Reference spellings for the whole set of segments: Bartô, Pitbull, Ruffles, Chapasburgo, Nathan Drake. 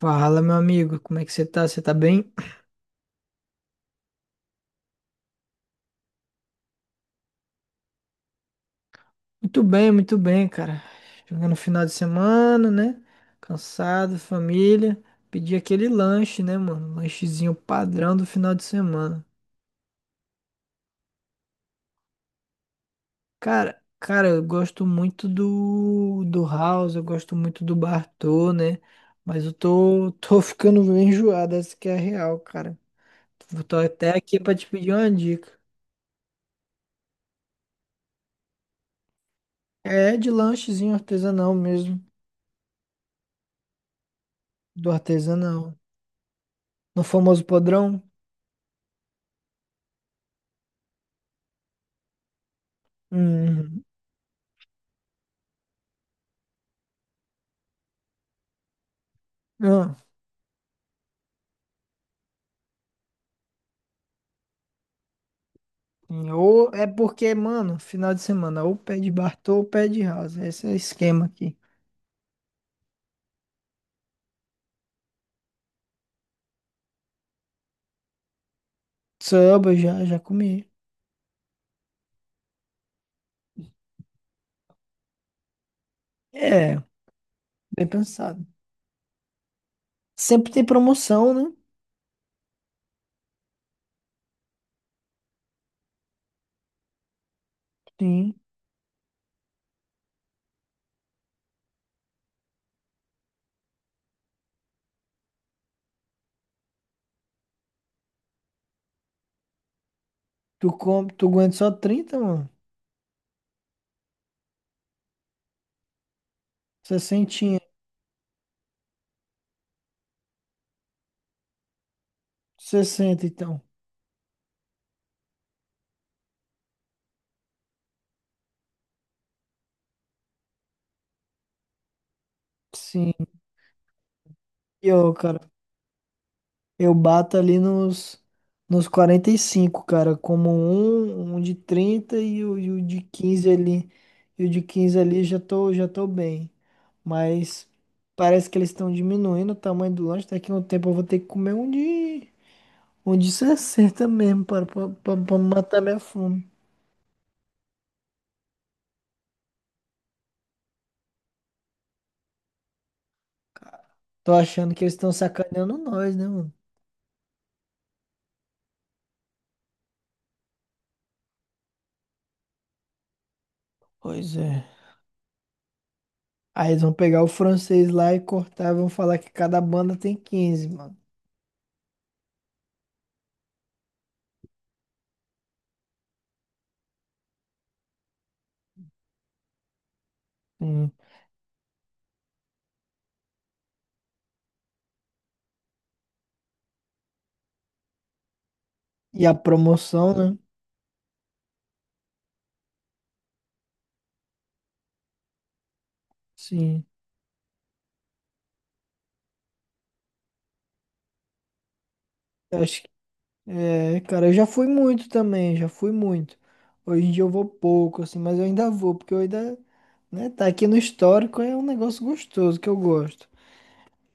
Fala, meu amigo, como é que você tá? Você tá bem? Muito bem, muito bem, cara. Chegando no final de semana, né? Cansado, família. Pedi aquele lanche, né, mano? Lanchezinho padrão do final de semana. Cara, cara, eu gosto muito do House, eu gosto muito do Bartô, né? Mas eu tô, tô ficando meio enjoado, essa que é a real, cara. Tô até aqui pra te pedir uma dica. É de lanchezinho artesanal mesmo, do artesanal. No famoso podrão. Hum, não. Ou é porque, mano, final de semana, ou pé de Bartô ou pé de Rasa. Esse é o esquema aqui. Samba, já comi. É, bem pensado. Sempre tem promoção, né? Sim. Tu aguenta só trinta mano? Sessenta. Sessenta então. Sim. E ô, cara, eu bato ali nos 45 cara, como um de 30 e o de 15 ali. E o de 15 ali já tô bem. Mas parece que eles estão diminuindo o tamanho do lanche. Daqui a um tempo eu vou ter que comer um de 60 mesmo, pra matar minha fome. Tô achando que eles estão sacaneando nós, né, mano? Pois é. Aí eles vão pegar o francês lá e cortar e vão falar que cada banda tem 15 mano. Hum. E a promoção, né? Sim, eu acho que. É, cara, eu já fui muito também, já fui muito. Hoje em dia eu vou pouco, assim, mas eu ainda vou, porque eu ainda. Né, tá aqui no histórico, é um negócio gostoso que eu gosto.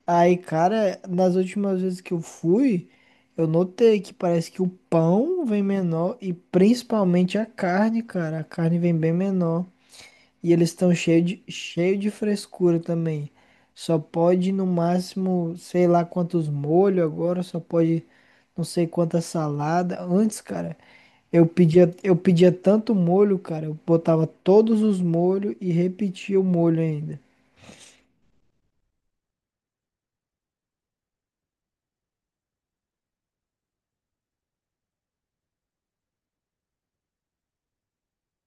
Aí, cara, nas últimas vezes que eu fui, eu notei que parece que o pão vem menor e principalmente a carne, cara. A carne vem bem menor. E eles estão cheio de frescura também. Só pode no máximo, sei lá quantos molhos agora, só pode não sei quanta salada. Antes, cara, eu pedia tanto molho, cara, eu botava todos os molhos e repetia o molho ainda.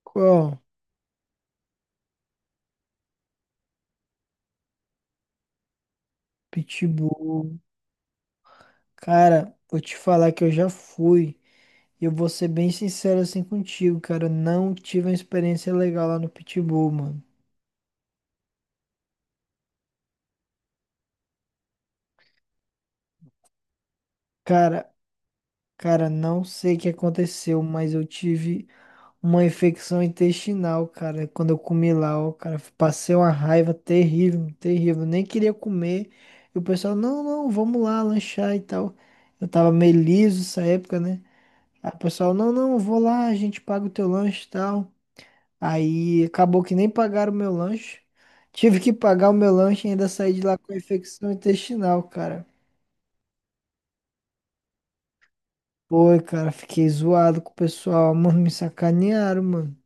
Qual? Pitbull. Cara, vou te falar que eu já fui. E eu vou ser bem sincero assim contigo, cara. Eu Não tive uma experiência legal lá no Pitbull, mano. Cara, não sei o que aconteceu, mas eu tive uma infecção intestinal, cara, quando eu comi lá, ó, cara, passei uma raiva terrível, terrível, nem queria comer. E o pessoal, não, não, vamos lá lanchar e tal. Eu tava meio liso essa época, né? Aí o pessoal, não, não, eu vou lá, a gente paga o teu lanche e tal. Aí acabou que nem pagaram o meu lanche. Tive que pagar o meu lanche e ainda saí de lá com infecção intestinal, cara. Foi, cara, fiquei zoado com o pessoal, mano, me sacanearam, mano.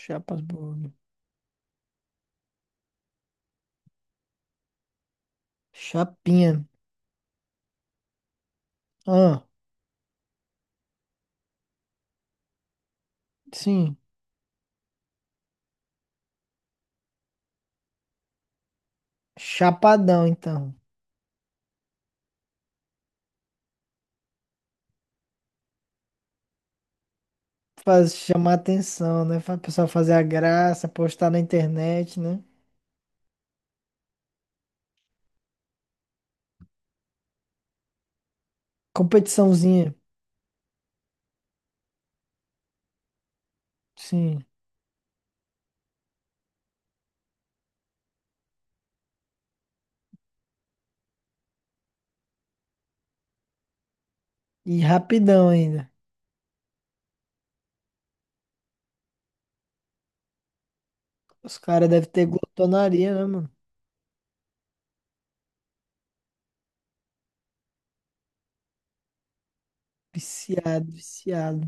Chapasburgo. Chapinha. Ah, sim. Chapadão, então. Faz chamar atenção, né? Faz o pessoal fazer a graça, postar na internet, né? Competiçãozinha. Sim. E rapidão ainda. Os caras devem ter glotonaria, né, mano? Viciado, viciado.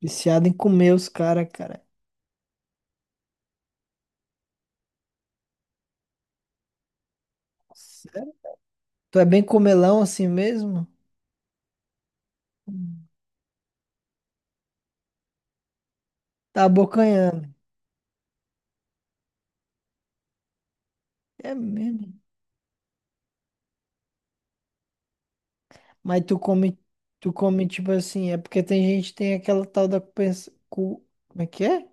Viciado em comer os caras, cara. Sério? Tu é bem comelão assim mesmo? Hum. Tá abocanhando. É mesmo. Mas tu come tipo assim, é porque tem gente que tem aquela tal da como é que é?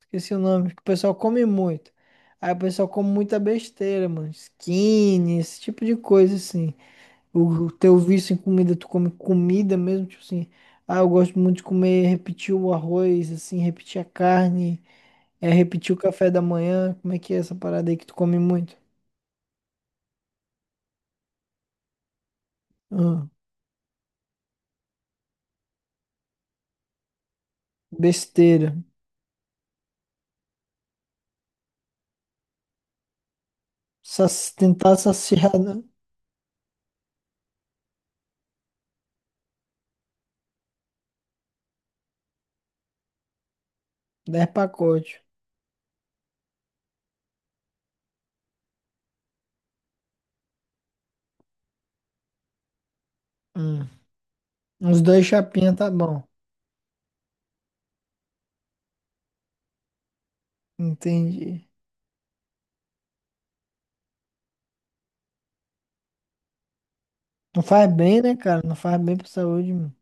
Esqueci o nome, que o pessoal come muito. Aí o pessoal come muita besteira, mano, skinny, esse tipo de coisa assim. O teu vício em comida, tu come comida mesmo, tipo assim, ah, eu gosto muito de comer, repetir o arroz, assim, repetir a carne, é repetir o café da manhã, como é que é essa parada aí que tu come muito? Ah, besteira. Tentar saciar, né? 10 pacotes. Hum. Uns dois chapinha tá bom. Entendi. Não faz bem, né, cara? Não faz bem pra saúde, mano.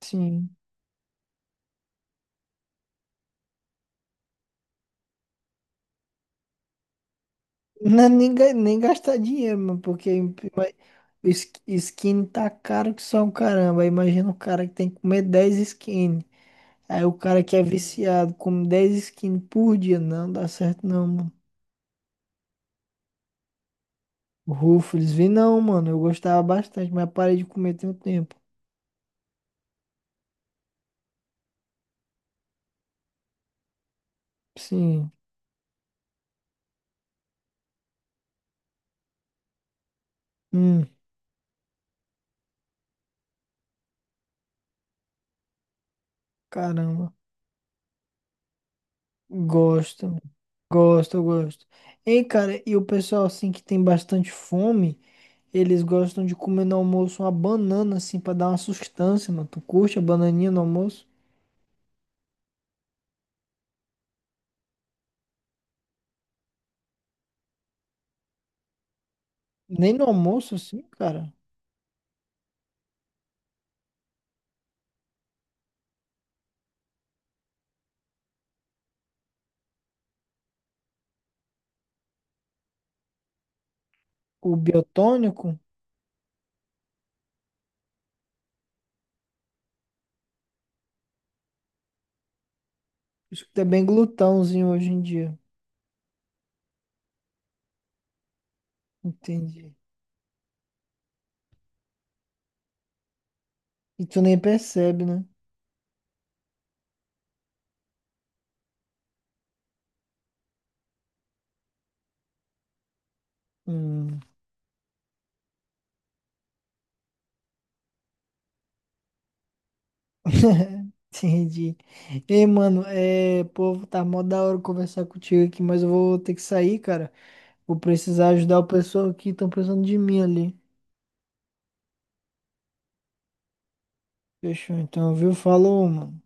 Sim. Não, nem gastar dinheiro, mano, porque ima- skin tá caro que só um caramba. Aí imagina o cara que tem que comer 10 skin. Aí o cara que é viciado come 10 skin por dia. Não dá certo não, mano. Ruffles, vi não, mano. Eu gostava bastante, mas parei de comer tem um tempo. Sim. Hum, caramba. Gosto. Gosto, eu gosto. Ei, cara, e o pessoal assim que tem bastante fome, eles gostam de comer no almoço uma banana assim pra dar uma sustância, mano. Tu curte a bananinha no almoço? Nem no almoço assim, cara. O biotônico, isso que tá bem glutãozinho hoje em dia. Entendi. E tu nem percebe, né? Hum. Entendi. Ei, mano, povo, tá mó da hora conversar contigo aqui, mas eu vou ter que sair, cara. Vou precisar ajudar o pessoal que estão precisando de mim ali. Fechou, então, viu? Falou, mano.